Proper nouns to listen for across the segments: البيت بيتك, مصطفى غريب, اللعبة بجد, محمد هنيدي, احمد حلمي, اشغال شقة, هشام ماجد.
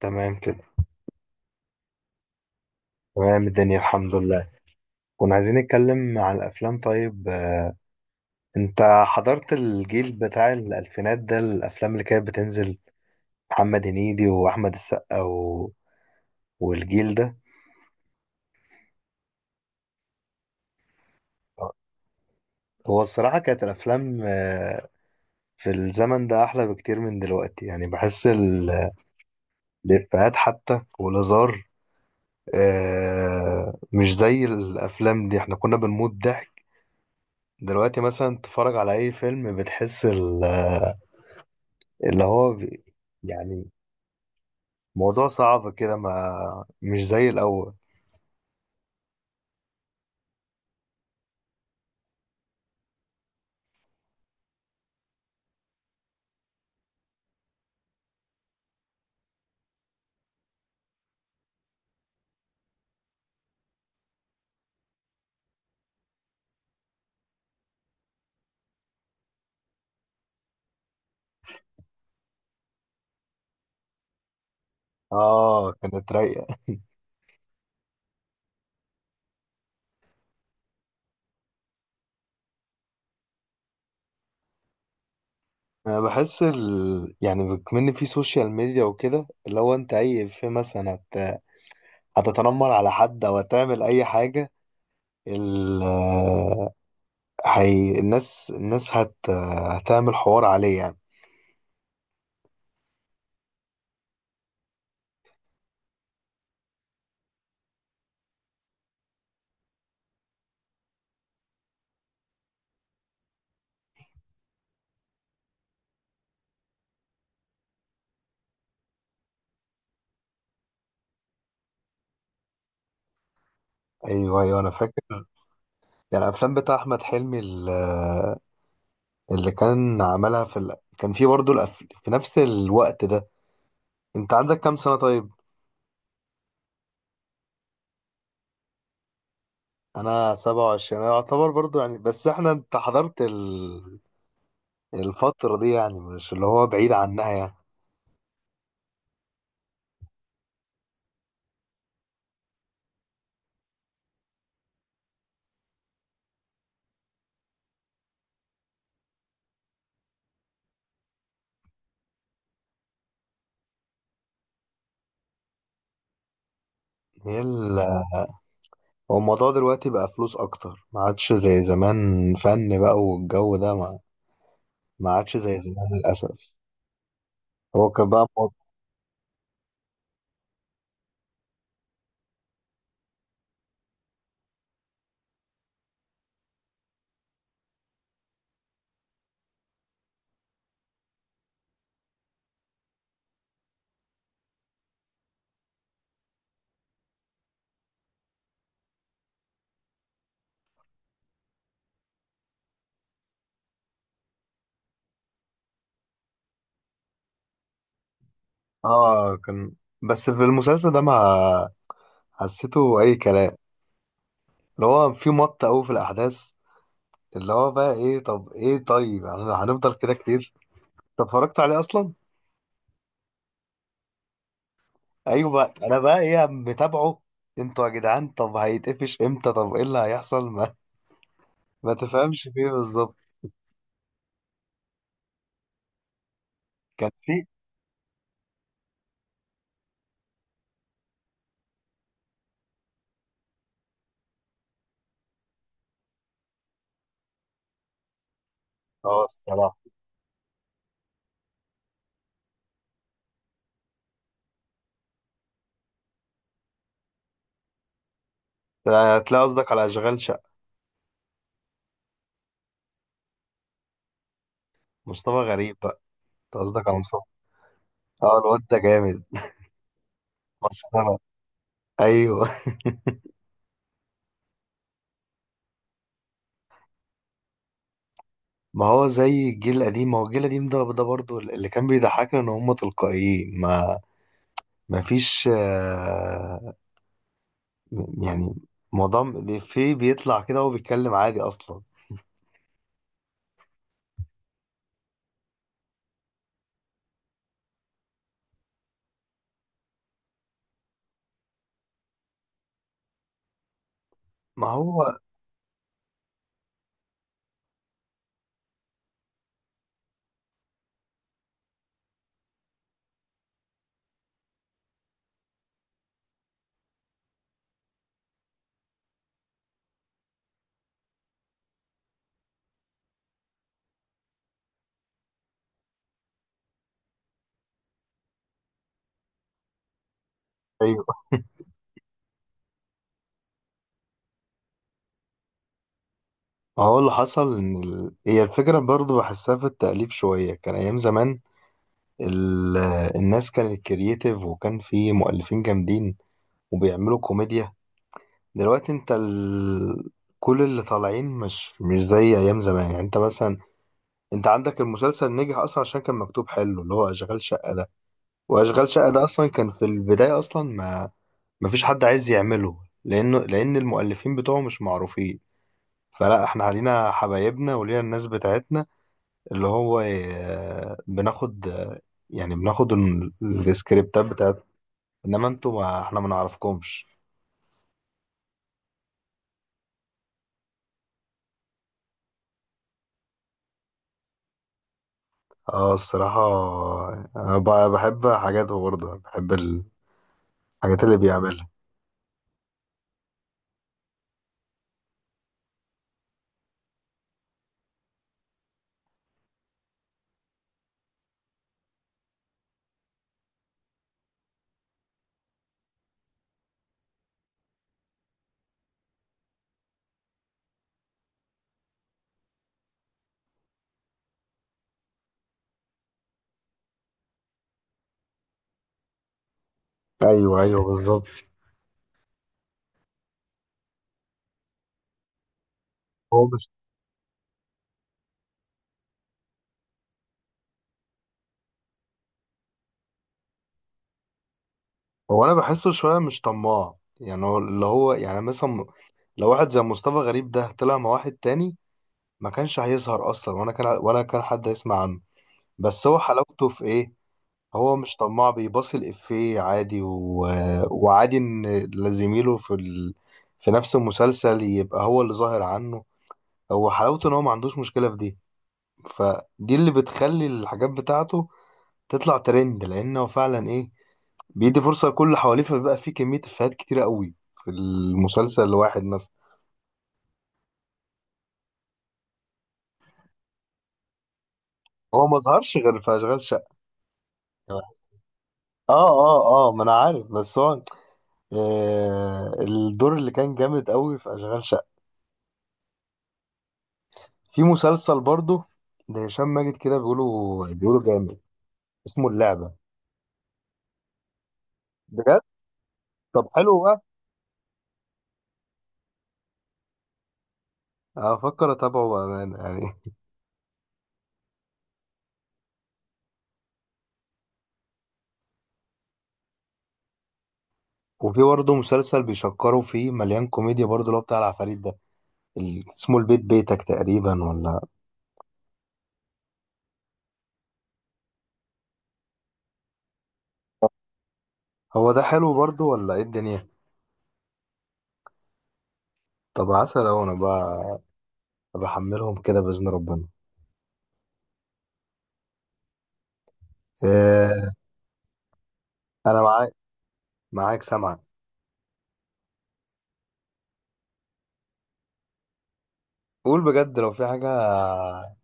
تمام كده. تمام، الدنيا الحمد لله. كنا عايزين نتكلم عن الافلام. طيب، انت حضرت الجيل بتاع الالفينات ده، الافلام اللي كانت بتنزل، محمد هنيدي واحمد السقا والجيل ده. هو الصراحة كانت الافلام في الزمن ده احلى بكتير من دلوقتي، يعني بحس الافيهات حتى والهزار، مش زي الافلام دي، احنا كنا بنموت ضحك. دلوقتي مثلا تتفرج على اي فيلم بتحس ال اللي هو بي- يعني موضوع صعب كده، ما مش زي الأول. اه، كانت رايقة. انا بحس يعني بكمن في سوشيال ميديا وكده، اللي هو انت اي في مثلا هتتنمر على حد او هتعمل اي حاجة، ال... الناس هتعمل حوار عليه يعني. ايوه، ايوه، انا فاكر. يعني الافلام بتاع احمد حلمي اللي كان عملها كان في برضه في نفس الوقت ده. انت عندك كام سنة؟ طيب، انا 27، انا يعتبر برضو يعني، بس احنا انت حضرت الفترة دي، يعني مش اللي هو بعيد عنها يعني. هي ال... هو الموضوع دلوقتي بقى فلوس اكتر، ما عادش زي زمان فن بقى، والجو ده ما عادش زي زمان للاسف. هو كان بقى مو... اه، كان. بس في المسلسل ده ما حسيته اي كلام، اللي هو في مط قوي في الاحداث، اللي هو بقى ايه، طب ايه، طيب يعني هنفضل كده كتير. انت اتفرجت عليه اصلا؟ ايوه بقى، انا بقى ايه متابعه. انتوا يا جدعان، طب هيتقفش امتى؟ طب ايه اللي هيحصل؟ ما تفهمش فيه بالظبط. كان في، اه، الصراحه. هتلاقي قصدك على اشغال شقه. مصطفى غريب بقى. انت قصدك على مصطفى. اه، الواد ده جامد، مسخره. ايوه. ما هو زي الجيل القديم، ما هو الجيل القديم ده برضه اللي كان بيضحكنا ان هم تلقائيين، ما فيش يعني موضوع الإفيه بيطلع كده وهو بيتكلم عادي اصلا. ما هو، ايوه. هو اللي حصل ان هي الفكره برضو بحسها في التاليف شويه، كان ايام زمان ال... الناس كانت كرييتيف، وكان في مؤلفين جامدين وبيعملوا كوميديا. دلوقتي انت كل اللي طالعين مش زي ايام زمان، يعني انت مثلا، انت عندك المسلسل نجح اصلا عشان كان مكتوب حلو، اللي هو اشغال شقه ده. واشغال شقه ده اصلا كان في البدايه اصلا، ما فيش حد عايز يعمله، لان المؤلفين بتوعه مش معروفين، فلا احنا علينا حبايبنا ولينا الناس بتاعتنا اللي هو، بناخد يعني بناخد السكريبتات بتاعت، انما انتوا ما احنا ما نعرفكمش. اه، الصراحة انا بحب حاجاته، برضه بحب الحاجات اللي بيعملها. ايوه، ايوه، بالظبط. هو مش هو انا بحسه شوية مش طماع، يعني هو اللي هو يعني، مثلا لو واحد زي مصطفى غريب ده طلع مع واحد تاني، ما كانش هيظهر اصلا، وانا كان ولا كان حد هيسمع عنه. بس هو حلاوته في ايه؟ هو مش طماع، بيباصي الإفيه عادي، وعادي إن زميله في نفس المسلسل يبقى هو اللي ظاهر عنه. هو حلاوته إن هو ما عندوش مشكلة في دي، فدي اللي بتخلي الحاجات بتاعته تطلع ترند، لأنه فعلا إيه، بيدي فرصة لكل اللي حواليه، فبيبقى في كمية إفيهات كتيرة قوي في المسلسل الواحد مثلا. هو ما ظهرش غير في أشغال شقة. اه، اه، اه، ما انا عارف، بس هو، آه الدور اللي كان جامد قوي في اشغال شقة. في مسلسل برضه لهشام ماجد كده، بيقولوا جامد، اسمه اللعبة. بجد؟ طب حلو بقى، هفكر اتابعه بأمانة يعني. وفي برضه مسلسل بيشكروا فيه، مليان كوميديا برضه، اللي هو بتاع العفاريت ده، اسمه البيت بيتك تقريبا ولا؟ هو ده حلو برضه ولا ايه الدنيا؟ طب عسل اهو، انا بقى بحملهم كده بإذن ربنا. إيه؟ انا معاك، معاك، سامعك. قول بجد لو في حاجة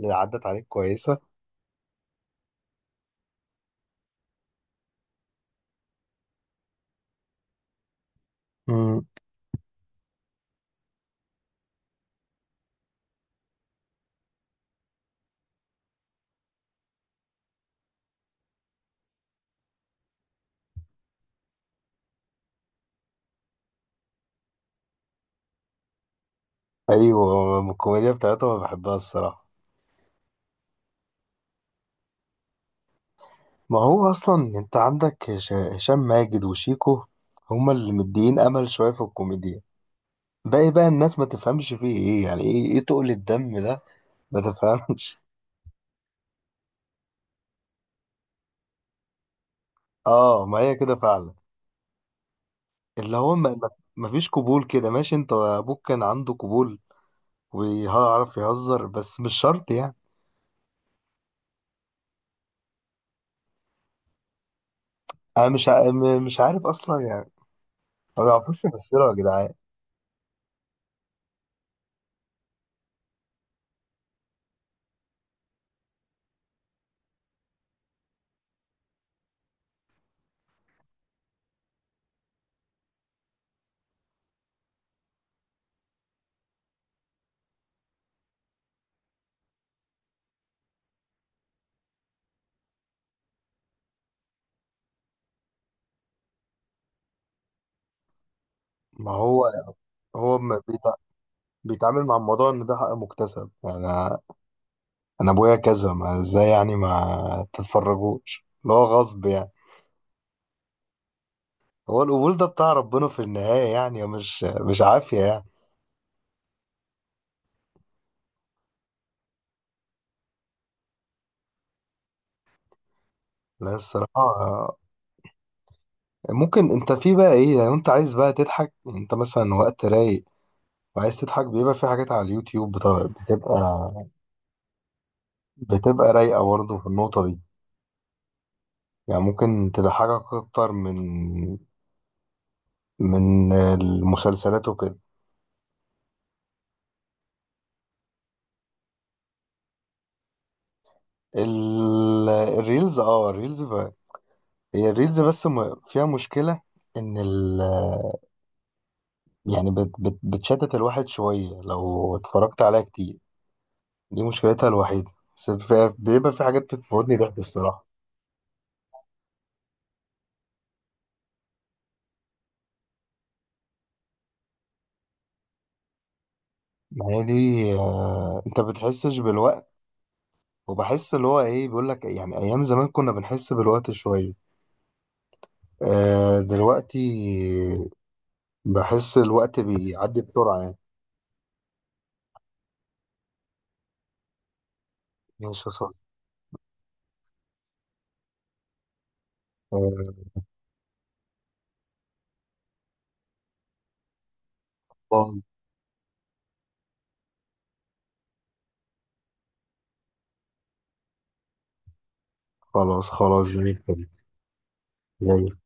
اللي عدت عليك كويسة. مم. ايوه، الكوميديا بتاعتهم أنا بحبها الصراحة. ما هو اصلا انت عندك هشام ماجد وشيكو، هما اللي مديين امل شويه في الكوميديا. باقي بقى الناس ما تفهمش فيه ايه، يعني ايه تقل الدم ده، ما تفهمش. اه، ما هي كده فعلا، اللي هو، ما فيش قبول كده. ماشي، انت ابوك كان عنده قبول ويعرف يهزر، بس مش شرط يعني. انا مش ع- م- مش عارف اصلا يعني، ما بيعرفوش يمثلوا يا جدعان. ما هو ما بيتعامل مع الموضوع ان ده حق مكتسب يعني، انا ابويا كذا، ما ازاي يعني؟ ما تتفرجوش، اللي هو غصب يعني. هو القبول ده بتاع ربنا في النهاية يعني، مش عافية يعني. لا، الصراحة ممكن انت في بقى ايه، لو انت عايز بقى تضحك يعني، انت مثلا وقت رايق وعايز تضحك، بيبقى في حاجات على اليوتيوب، بتبقى رايقة برضه في النقطة دي، يعني ممكن تضحكك اكتر من المسلسلات وكده. الريلز، الريلز هي الريلز، بس فيها مشكلة، ان يعني بت بت بتشتت الواحد شوية لو اتفرجت عليها كتير، دي مشكلتها الوحيدة. بس بيبقى في حاجات بتموتني ضحك الصراحة. ما هي دي، انت بتحسش بالوقت، وبحس اللي هو ايه بيقول لك، يعني ايام زمان كنا بنحس بالوقت شوية، دلوقتي بحس الوقت بيعدي بسرعة يعني. ماشي يا صاحبي. آه، باي. خلاص، خلاص، زي الفل. يلا.